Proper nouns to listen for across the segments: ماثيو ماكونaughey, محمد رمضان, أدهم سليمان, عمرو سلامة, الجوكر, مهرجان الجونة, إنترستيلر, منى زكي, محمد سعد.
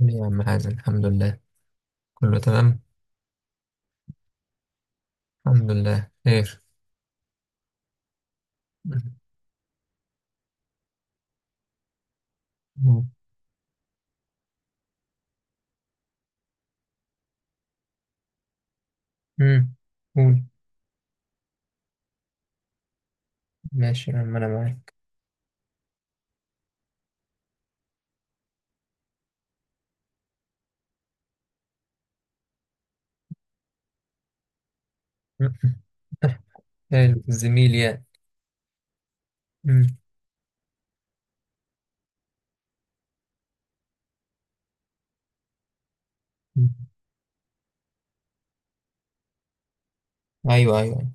يا عم حازم، الحمد لله. كله تمام، الحمد لله خير. امم قول. ماشي يا عم انا معاك. مم. حلو الزميل يعني. مم. مم. ايوه، ايوه.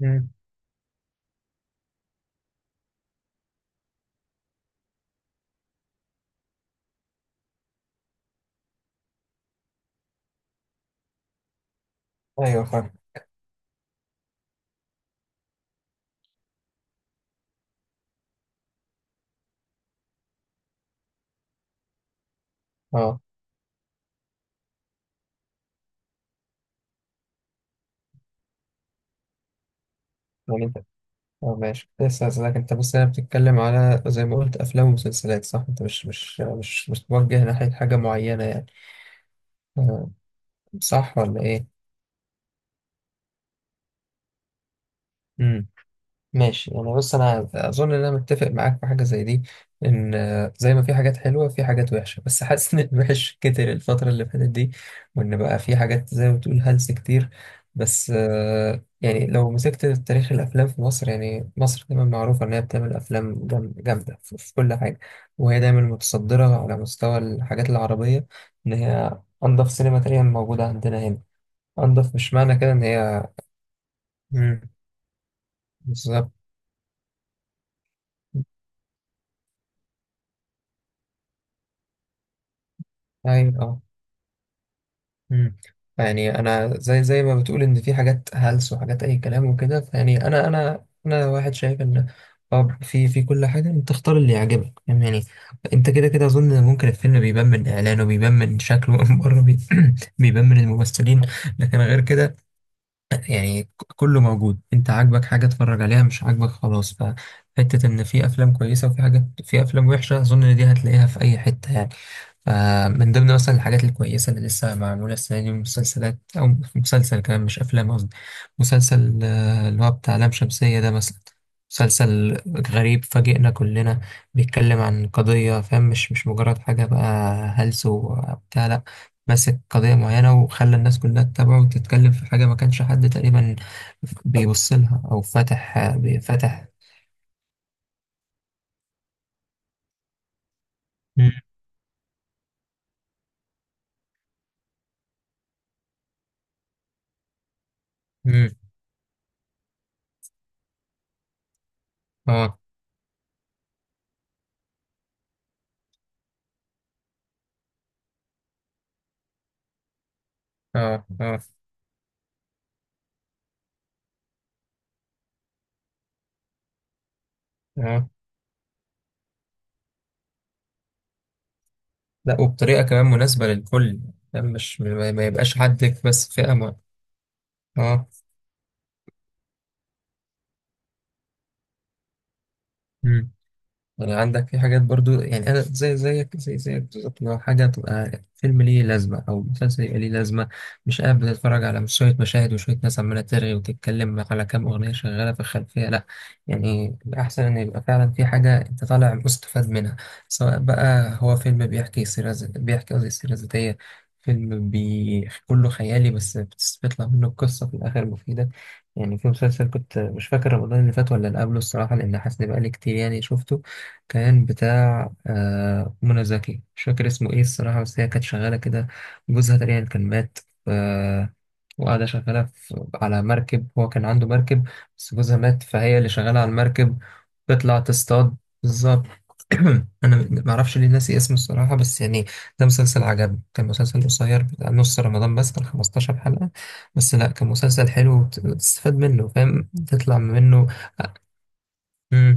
مم. ايوه، فاهم. اه، يعني انت اه ماشي، كنت لسه هسألك. انت بص، انا بتتكلم على زي ما قلت افلام ومسلسلات، صح؟ انت مش متوجه ناحية حاجة معينة يعني، آه، صح ولا ايه؟ مم. ماشي، يعني بص انا اظن ان انا متفق معاك في حاجه زي دي، ان زي ما في حاجات حلوه في حاجات وحشه، بس حاسس ان الوحش كتر الفتره اللي فاتت دي، وان بقى في حاجات زي ما بتقول هلس كتير. بس يعني لو مسكت تاريخ الافلام في مصر، يعني مصر دايما معروفه ان هي بتعمل افلام جامده في كل حاجه، وهي دايما متصدره على مستوى الحاجات العربيه، ان هي انضف سينما تقريبا موجوده عندنا هنا. انضف مش معنى كده ان هي، مم، بالظبط. ايوه. مم. يعني انا زي ما بتقول ان في حاجات هلس وحاجات اي كلام وكده، فيعني انا واحد شايف ان، اه في كل حاجه انت اختار اللي يعجبك، فاهم يعني. انت كده كده اظن إن ممكن الفيلم بيبان من اعلانه، بيبان من شكله من بره، بيبان من الممثلين. لكن غير كده، يعني كله موجود. انت عاجبك حاجة اتفرج عليها، مش عاجبك خلاص. فحتة ان في افلام كويسة وفي حاجات، في افلام وحشة، اظن ان دي هتلاقيها في اي حتة يعني. فمن ضمن مثلا الحاجات الكويسة اللي لسه معمولة السنة دي مسلسلات او مسلسل كمان، مش افلام قصدي مسلسل، اللي هو بتاع لام شمسية ده مثلا. مسلسل غريب، فاجئنا كلنا. بيتكلم عن قضية، فاهم؟ مش مجرد حاجة بقى هلس وبتاع، لأ. ماسك قضية معينة وخلى الناس كلها تتابعه وتتكلم في حاجة ما كانش حد تقريبا بيبص لها أو فتح بيفتح. مم. مم. اه. اه. اه. اه. لا، وبطريقة كمان مناسبة للكل، يعني مش ما يبقاش حد بس فئة معينة. اه. مم. ولا عندك في حاجات برضو؟ يعني انا زي زيك زي زيك بالظبط، لو حاجه تبقى فيلم ليه لازمه، او مسلسل يبقى ليه لازمه، مش قاعد بتتفرج على مش شويه مشاهد وشويه ناس عماله ترغي وتتكلم على كام اغنيه شغاله في الخلفيه، لا. يعني الاحسن ان يبقى فعلا في حاجه انت طالع مستفاد منها، سواء بقى هو فيلم بيحكي بيحكي قصدي سيره ذاتيه، فيلم كله خيالي بس بيطلع منه قصة في الآخر مفيدة. يعني في مسلسل، كنت مش فاكر رمضان اللي فات ولا اللي قبله الصراحة، لأن حاسس إن بقالي كتير يعني شفته. كان بتاع منى زكي، مش فاكر اسمه ايه الصراحة، بس هي كانت شغالة كده، جوزها تقريبا كان مات، ف- وقاعدة شغالة في، على مركب، هو كان عنده مركب، بس جوزها مات فهي اللي شغالة على المركب، تطلع تصطاد. بالظبط. أنا معرفش ليه ناسي اسمه الصراحة بس يعني، ده مسلسل عجبني، كان مسلسل قصير بتاع نص رمضان، بس كان 15 حلقة. بس لأ، كان مسلسل حلو وتستفاد منه، فاهم، تطلع منه. مم.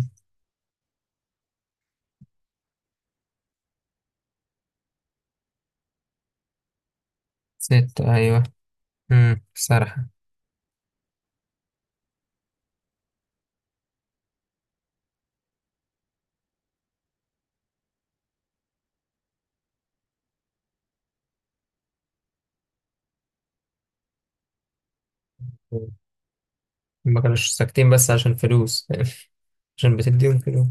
ست، أيوه. مم. صراحة. ما كانوش ساكتين بس عشان فلوس. عشان بتديهم فلوس.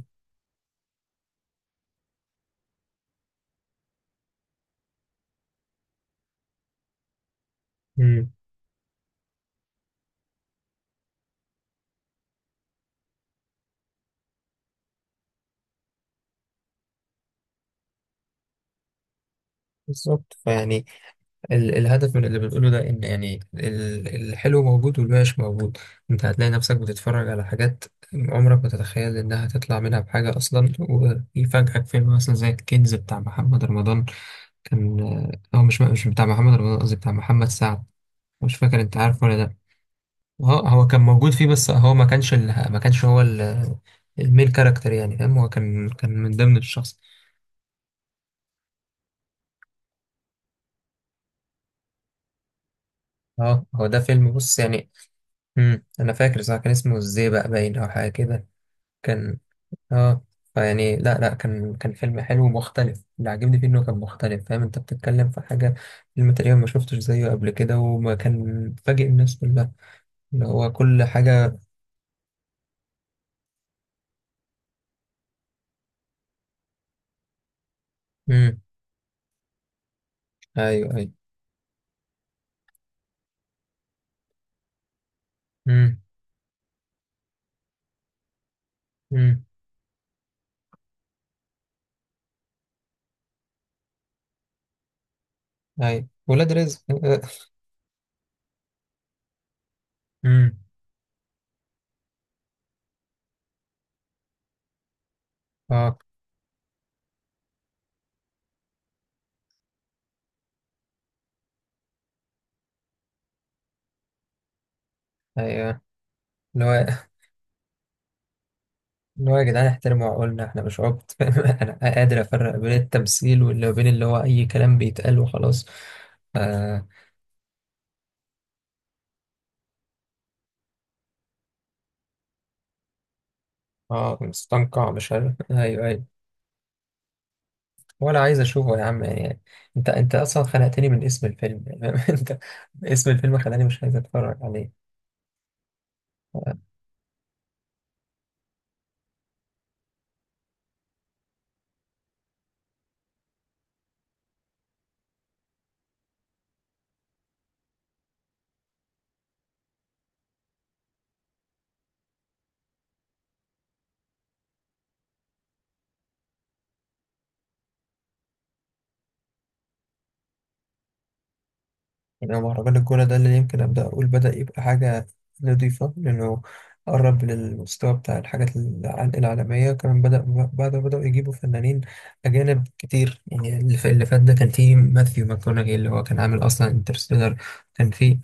امم بالظبط. فيعني الهدف من اللي بنقوله ده، ان يعني الحلو موجود والوحش موجود. انت هتلاقي نفسك بتتفرج على حاجات عمرك ما تتخيل انها تطلع منها بحاجة اصلا، ويفاجئك فيلم مثلا زي الكنز بتاع محمد رمضان. كان، هو مش بتاع محمد رمضان قصدي، بتاع محمد سعد. مش فاكر، انت عارفه ولا؟ اه، هو كان موجود فيه بس هو ما كانش ال، ما كانش هو ال، المين كاركتر يعني، فاهم. هو كان من ضمن الشخص. اه، هو ده فيلم، بص يعني. انا فاكر صح، كان اسمه الزيبق باين او حاجه كده. كان. اه. فيعني، لا لا، كان فيلم حلو ومختلف. اللي عجبني فيه انه كان مختلف، فاهم؟ انت بتتكلم في حاجه، فيلم تقريبا ما شفتش زيه قبل كده وما كان فاجئ الناس كلها، اللي هو كل حاجه. امم. ايوه، ايوه. امم. امم. ايوه، ولاد رزق. امم. اه. ايوه، اللي هو، اللي هو، يا جدعان احترموا عقولنا، احنا مش عبط. انا قادر افرق بين التمثيل واللي بين اللي هو اي كلام بيتقال وخلاص. اه, مستنقع مش عارف، ايوه، ايوه. ولا عايز اشوفه يا عم، يعني انت، انت اصلا خنقتني من اسم الفيلم، يعني انت، اسم الفيلم خلاني مش عايز اتفرج عليه. يعني هو مهرجان الجونة ده اللي يمكن أبدأ أقول بدأ يبقى حاجة نضيفة، لأنه قرب للمستوى بتاع الحاجات العالمية كمان، بدأ بعد ما بدأوا يجيبوا فنانين أجانب كتير. يعني اللي فات ده كان فيه ماثيو ماكونaughey اللي هو كان عامل أصلا انترستيلر. كان فيه،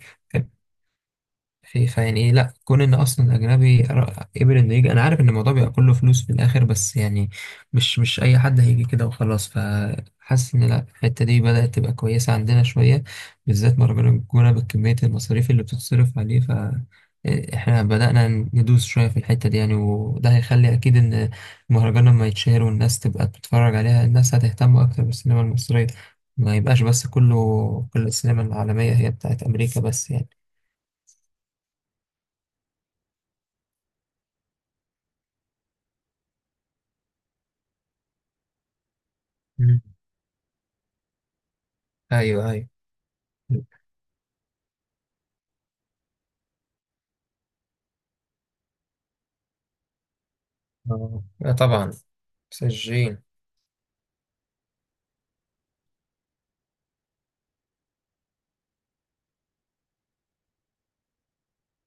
فيعني ايه، لا كون ان اصلا اجنبي، قبل انه يجي، انا عارف ان الموضوع بيبقى كله فلوس في الاخر بس يعني مش اي حد هيجي كده وخلاص. فحاسس ان لا، الحته دي بدات تبقى كويسه عندنا شويه، بالذات مهرجان الجونه بكميه المصاريف اللي بتتصرف عليه. ف، احنا بدأنا ندوس شوية في الحتة دي يعني، وده هيخلي أكيد إن المهرجان لما يتشهر والناس تبقى بتتفرج عليها، الناس هتهتم أكتر بالسينما المصرية، ما يبقاش بس كله كل السينما العالمية هي بتاعت أمريكا بس يعني. مم. ايوه، ايوه. آه، لا طبعا. سجين.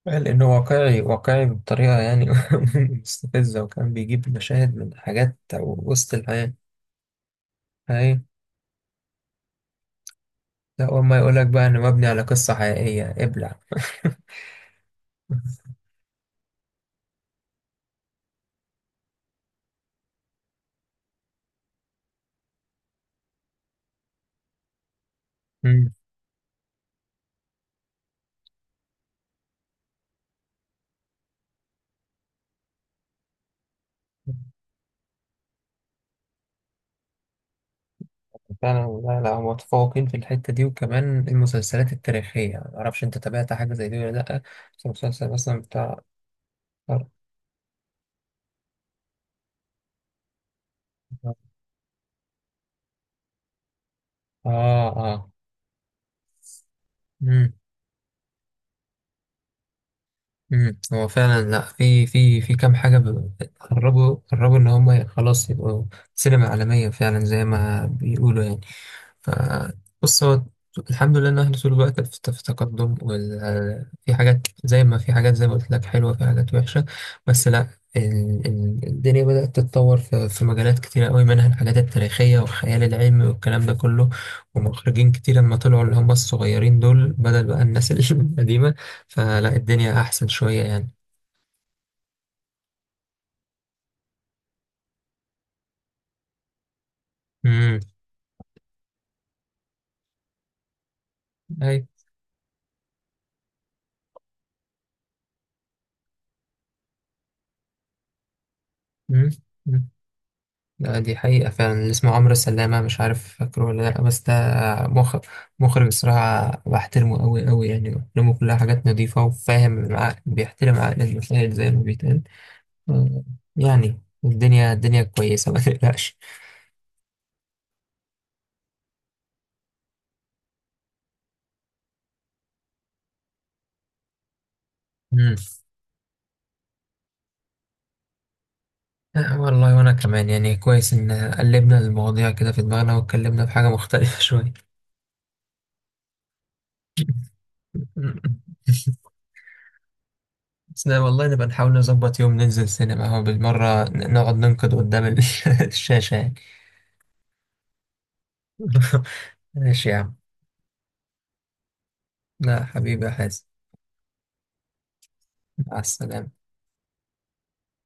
لانه واقعي، واقعي بطريقه يعني مستفزه، وكان بيجيب مشاهد من حاجات وسط الحياه. اي، لا، اول ما يقولك بقى انه مبني على قصه حقيقيه، ابلع. مم. فعلا، لا، لا، هم متفوقين في الحته دي. وكمان المسلسلات التاريخيه، يعني ما اعرفش انت تابعت حاجه زي دي ولا لا، بس المسلسل مثلا بتاع. اه. اه. مم. مم. هو فعلا، لا، في كام حاجة قربوا، قربوا إن هم خلاص يبقوا سينما عالمية فعلا زي ما بيقولوا يعني. ف، بص هو الحمد لله إن إحنا طول الوقت في تقدم، وال، في حاجات زي ما في حاجات زي ما قلت لك حلوة، في حاجات وحشة، بس لا. الدنيا بدأت تتطور في مجالات كتيرة قوي، منها الحاجات التاريخية والخيال العلمي والكلام ده كله. ومخرجين كتير لما طلعوا اللي هم الصغيرين دول بدل بقى الناس القديمة، فلا الدنيا أحسن شوية يعني. امم. أي. امم. أمم. لا دي حقيقة، فعلا اللي اسمه عمرو سلامة، مش عارف فاكره ولا لأ، بس ده مخ... مخرج الصراحة بحترمه أوي أوي، يعني أفلامه كلها حاجات نظيفة وفاهم العقل، بيحترم عقل المشاهد زي ما بيتقال. آه، يعني الدنيا، الدنيا كويسة ما تقلقش. امم. آه، والله وأنا كمان، يعني كويس إن قلبنا المواضيع كده في دماغنا واتكلمنا في حاجة مختلفة شوية. بسنا والله، نبقى نحاول نظبط يوم ننزل سينما اهو بالمرة، نقعد ننقد قدام الشاشة يعني. ماشي يا عم. لا حبيبي يا حازم. مع السلامة.